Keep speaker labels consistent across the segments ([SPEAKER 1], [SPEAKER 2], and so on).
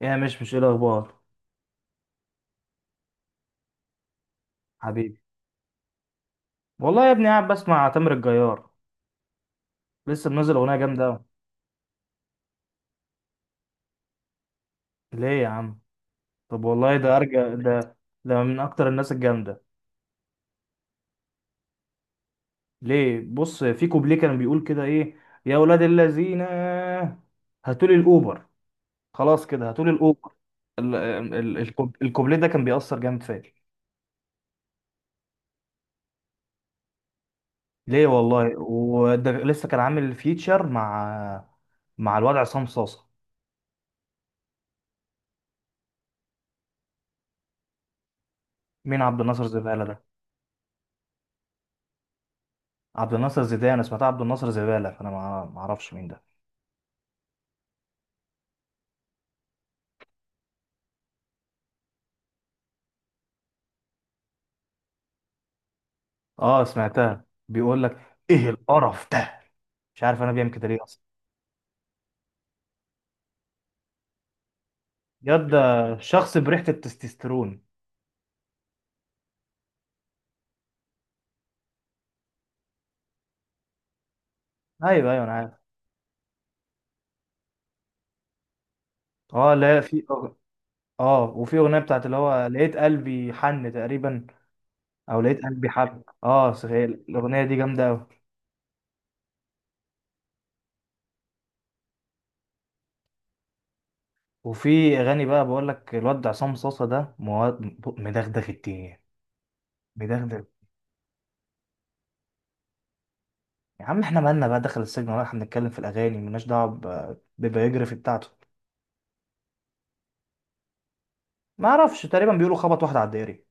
[SPEAKER 1] يا مش ايه الاخبار؟ حبيبي، والله يا ابني قاعد بسمع تامر الجيار. لسه منزل اغنيه جامده قوي. ليه يا عم؟ طب والله ده ارجع ده، ده من اكتر الناس الجامده. ليه؟ بص في كوبليه كان بيقول كده ايه: يا اولاد الذين هاتوا لي الاوبر، خلاص كده هاتوا لي الاوبر. الكوبليه ده كان بيأثر جامد فيا. ليه؟ والله وده لسه كان عامل فيتشر مع، مع الواد عصام صاصا. مين عبد الناصر زبالة ده؟ عبد الناصر زيدان، أنا سمعتها عبد الناصر زبالة، فأنا ما أعرفش مين ده. أه سمعتها، بيقول لك إيه القرف ده. مش عارف أنا بيعمل كده ليه أصلا. ياد ده شخص بريحة التستوستيرون. أيوه أيوه أنا عارف. أه لا، في، أه وفي أغنية بتاعت اللي هو لقيت قلبي حن تقريبا، أو لقيت قلبي حب. أه صحيح الأغنية دي جامدة أوي. وفي أغاني بقى، بقول لك الواد عصام صاصة ده مدغدغ الدنيا، مدغدغ. يا عم احنا مالنا بقى دخل السجن، ولا احنا بنتكلم في الأغاني؟ ملناش دعوة ببيوجرافي بتاعته. ما اعرفش، تقريبا بيقولوا خبط واحد على الدائري.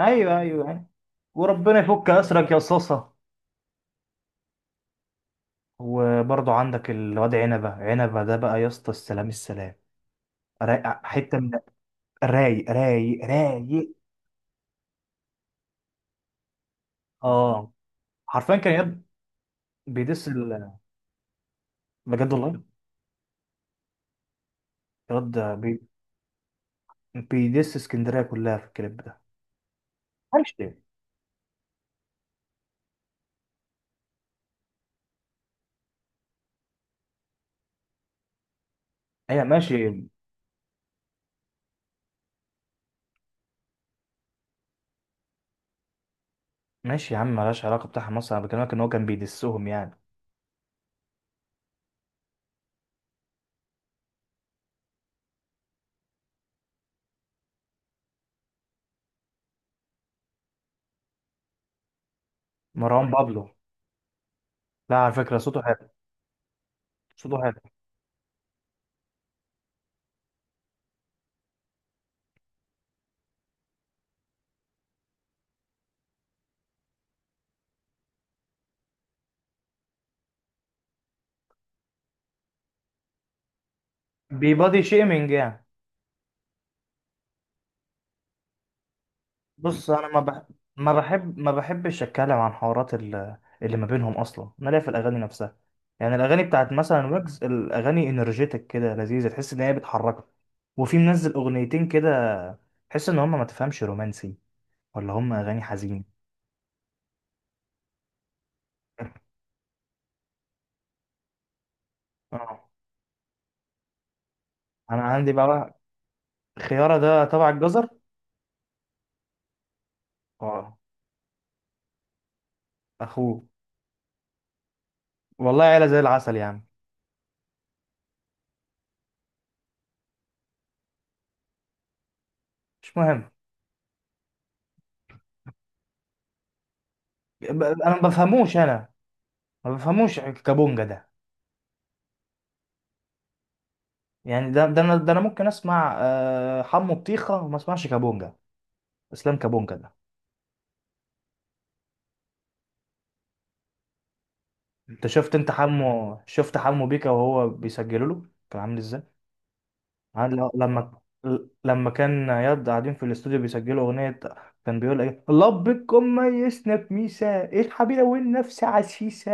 [SPEAKER 1] ايوه ايوه يعني. وربنا يفك اسرك يا صاصه. وبرضو عندك الواد عنبه، عنبه ده بقى يا اسطى، السلام السلام. رايق حته من، رايق رايق رايق. اه حرفيا كان ياد بيدس ال... بجد والله. ياد بيدس اسكندريه كلها في الكليب ده. معرفش ليه. ايوه ماشي. ماشي يا عم، ملهاش علاقه بتاع مصر، انا بكلمك ان هو كان بيدسهم يعني. مروان بابلو؟ لا على فكره صوته حلو. صوته حلو. بيبادي شيمينج يعني. بص انا ما بحبش اتكلم عن حوارات اللي ما بينهم اصلا، انا ليا في الاغاني نفسها. يعني الاغاني بتاعت مثلا ويجز، الاغاني انرجيتك كده لذيذه، تحس ان هي بتحركك. وفي منزل اغنيتين كده، تحس ان هم ما تفهمش رومانسي ولا هم اغاني حزين. اه انا عندي بقى، خياره ده تبع الجزر. اه اخوه. والله عيله زي العسل يعني. مش مهم. انا ما بفهموش، انا ما بفهموش كابونجا ده. يعني ده انا ممكن اسمع حمو بطيخه وما اسمعش كابونجا. اسلام كابونجا ده. انت شفت، انت حمو، شفت حمو بيكا وهو بيسجلوا له كان عامل ازاي؟ عارف لما، لما كان ياد قاعدين في الاستوديو بيسجلوا اغنيه، كان بيقول ايه لبكم ميزنا بميسا ايه الحبيبه والنفس عسيسه.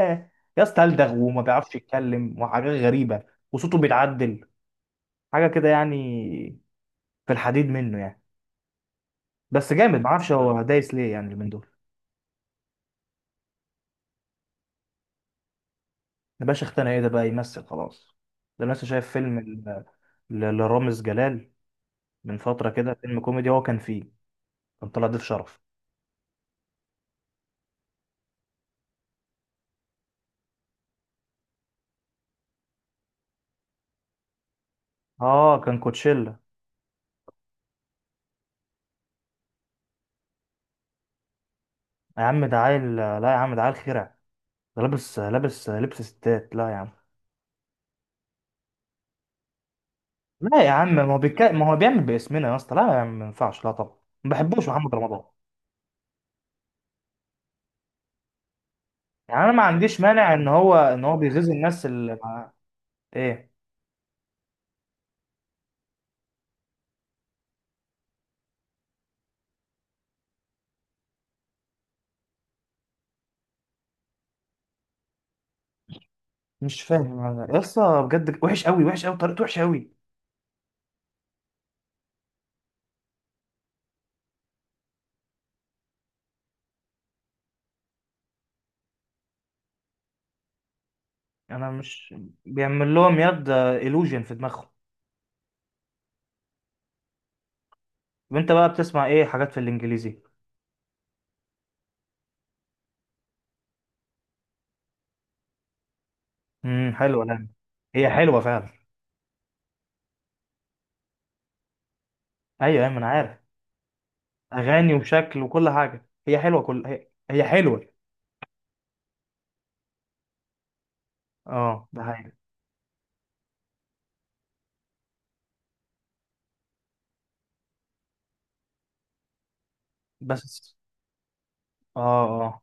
[SPEAKER 1] يا اسطى الدغ وما بيعرفش يتكلم وحاجات غريبه. وصوته بيتعدل، حاجه كده يعني، في الحديد منه يعني. بس جامد، ما اعرفش هو دايس ليه يعني من دول. الباشا اختنا ايه ده بقى، يمثل خلاص؟ ده أنا لسه شايف فيلم لرامز جلال من فترة كده، فيلم كوميدي هو كان فيه، كان طلع ضيف شرف. اه كان كوتشيلا. يا عم ده عيل، لا يا عم ده عيل خرع، ده لابس، لابس لبس ستات، لا يا عم. لا يا عم، ما هو ما هو بيعمل باسمنا يا اسطى، لا يا عم ما ينفعش، لا طبعا. ما بحبوش محمد رمضان. يعني انا ما عنديش مانع ان هو بيغيظ الناس اللي مع... ايه، مش فاهم انا يا اسطى بجد، وحش قوي وحش قوي، طريقته وحشه قوي. انا مش، بيعمل لهم يد illusion في دماغهم. وانت بقى بتسمع ايه حاجات في الانجليزي؟ حلوه، لا هي حلوه فعلا. ايوه ايوه ما انا عارف. اغاني وشكل وكل حاجه، هي حلوه، كل هي حلوه. اه ده حقيقي. بس اه اه.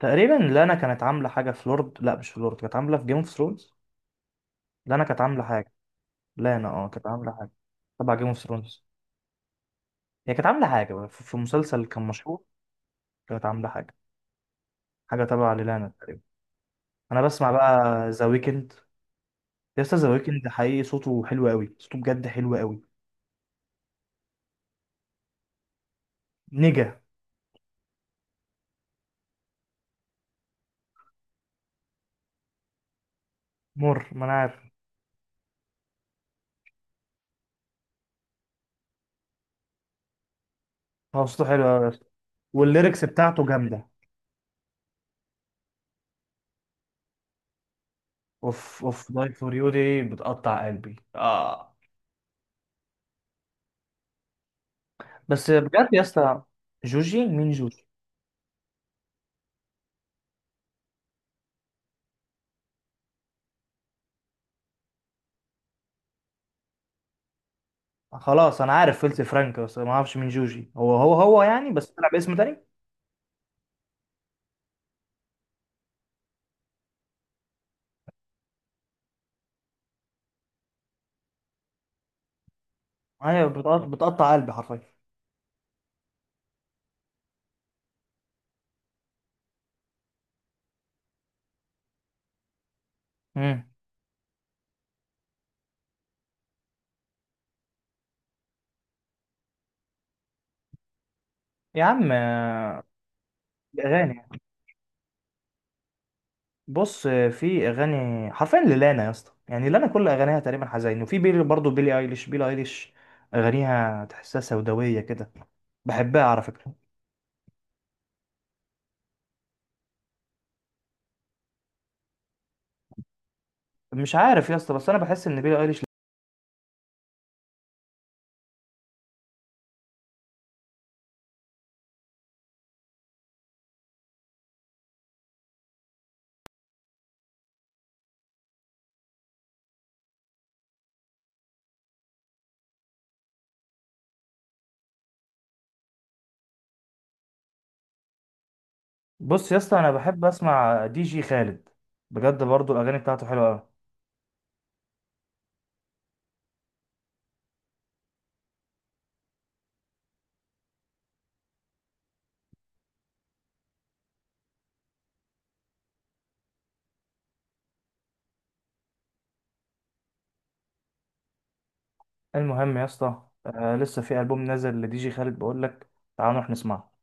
[SPEAKER 1] تقريبا لانا كانت عامله حاجه في لورد، لا مش في لورد، كانت عامله في جيم اوف ثرونز. لانا كانت عامله حاجه. لانا اه كانت عامله حاجه تبع جيم اوف ثرونز. هي كانت عامله حاجه بقى، في في مسلسل كان مشهور، كانت عامله حاجه، حاجه تبع لانا تقريبا. انا بسمع بقى ذا ويكند. يا اسطى ذا ويكند حقيقي صوته حلو قوي، صوته بجد حلو قوي. نجا. مر ما انا عارف. هو صوته حلو قوي يا اسطى، والليركس بتاعته جامده. اوف اوف لايف فور يو دي بتقطع قلبي، اه. بس بجد يا اسطى. جوجي؟ مين جوجي؟ خلاص انا عارف فلت فرانك، بس ما اعرفش مين جوجي، هو يعني، بس طلع باسم تاني. ايوه بتقطع قلبي حرفيا. امم. يا عم الاغاني، بص في اغاني حرفيا للانا يا اسطى، يعني لانا كل اغانيها تقريبا حزين. وفي بيلي برضه، بيلي ايليش، اغانيها تحسها سوداويه كده، بحبها على فكره. مش عارف يا اسطى، بس انا بحس ان بيلي ايليش، بص يا اسطى انا بحب اسمع دي جي خالد، بجد برضه الاغاني بتاعته حلوه قوي. المهم يا اسطى، آه لسه في البوم نازل لدي جي خالد، بقول لك تعال نروح نسمعه.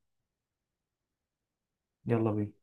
[SPEAKER 1] يلا بينا.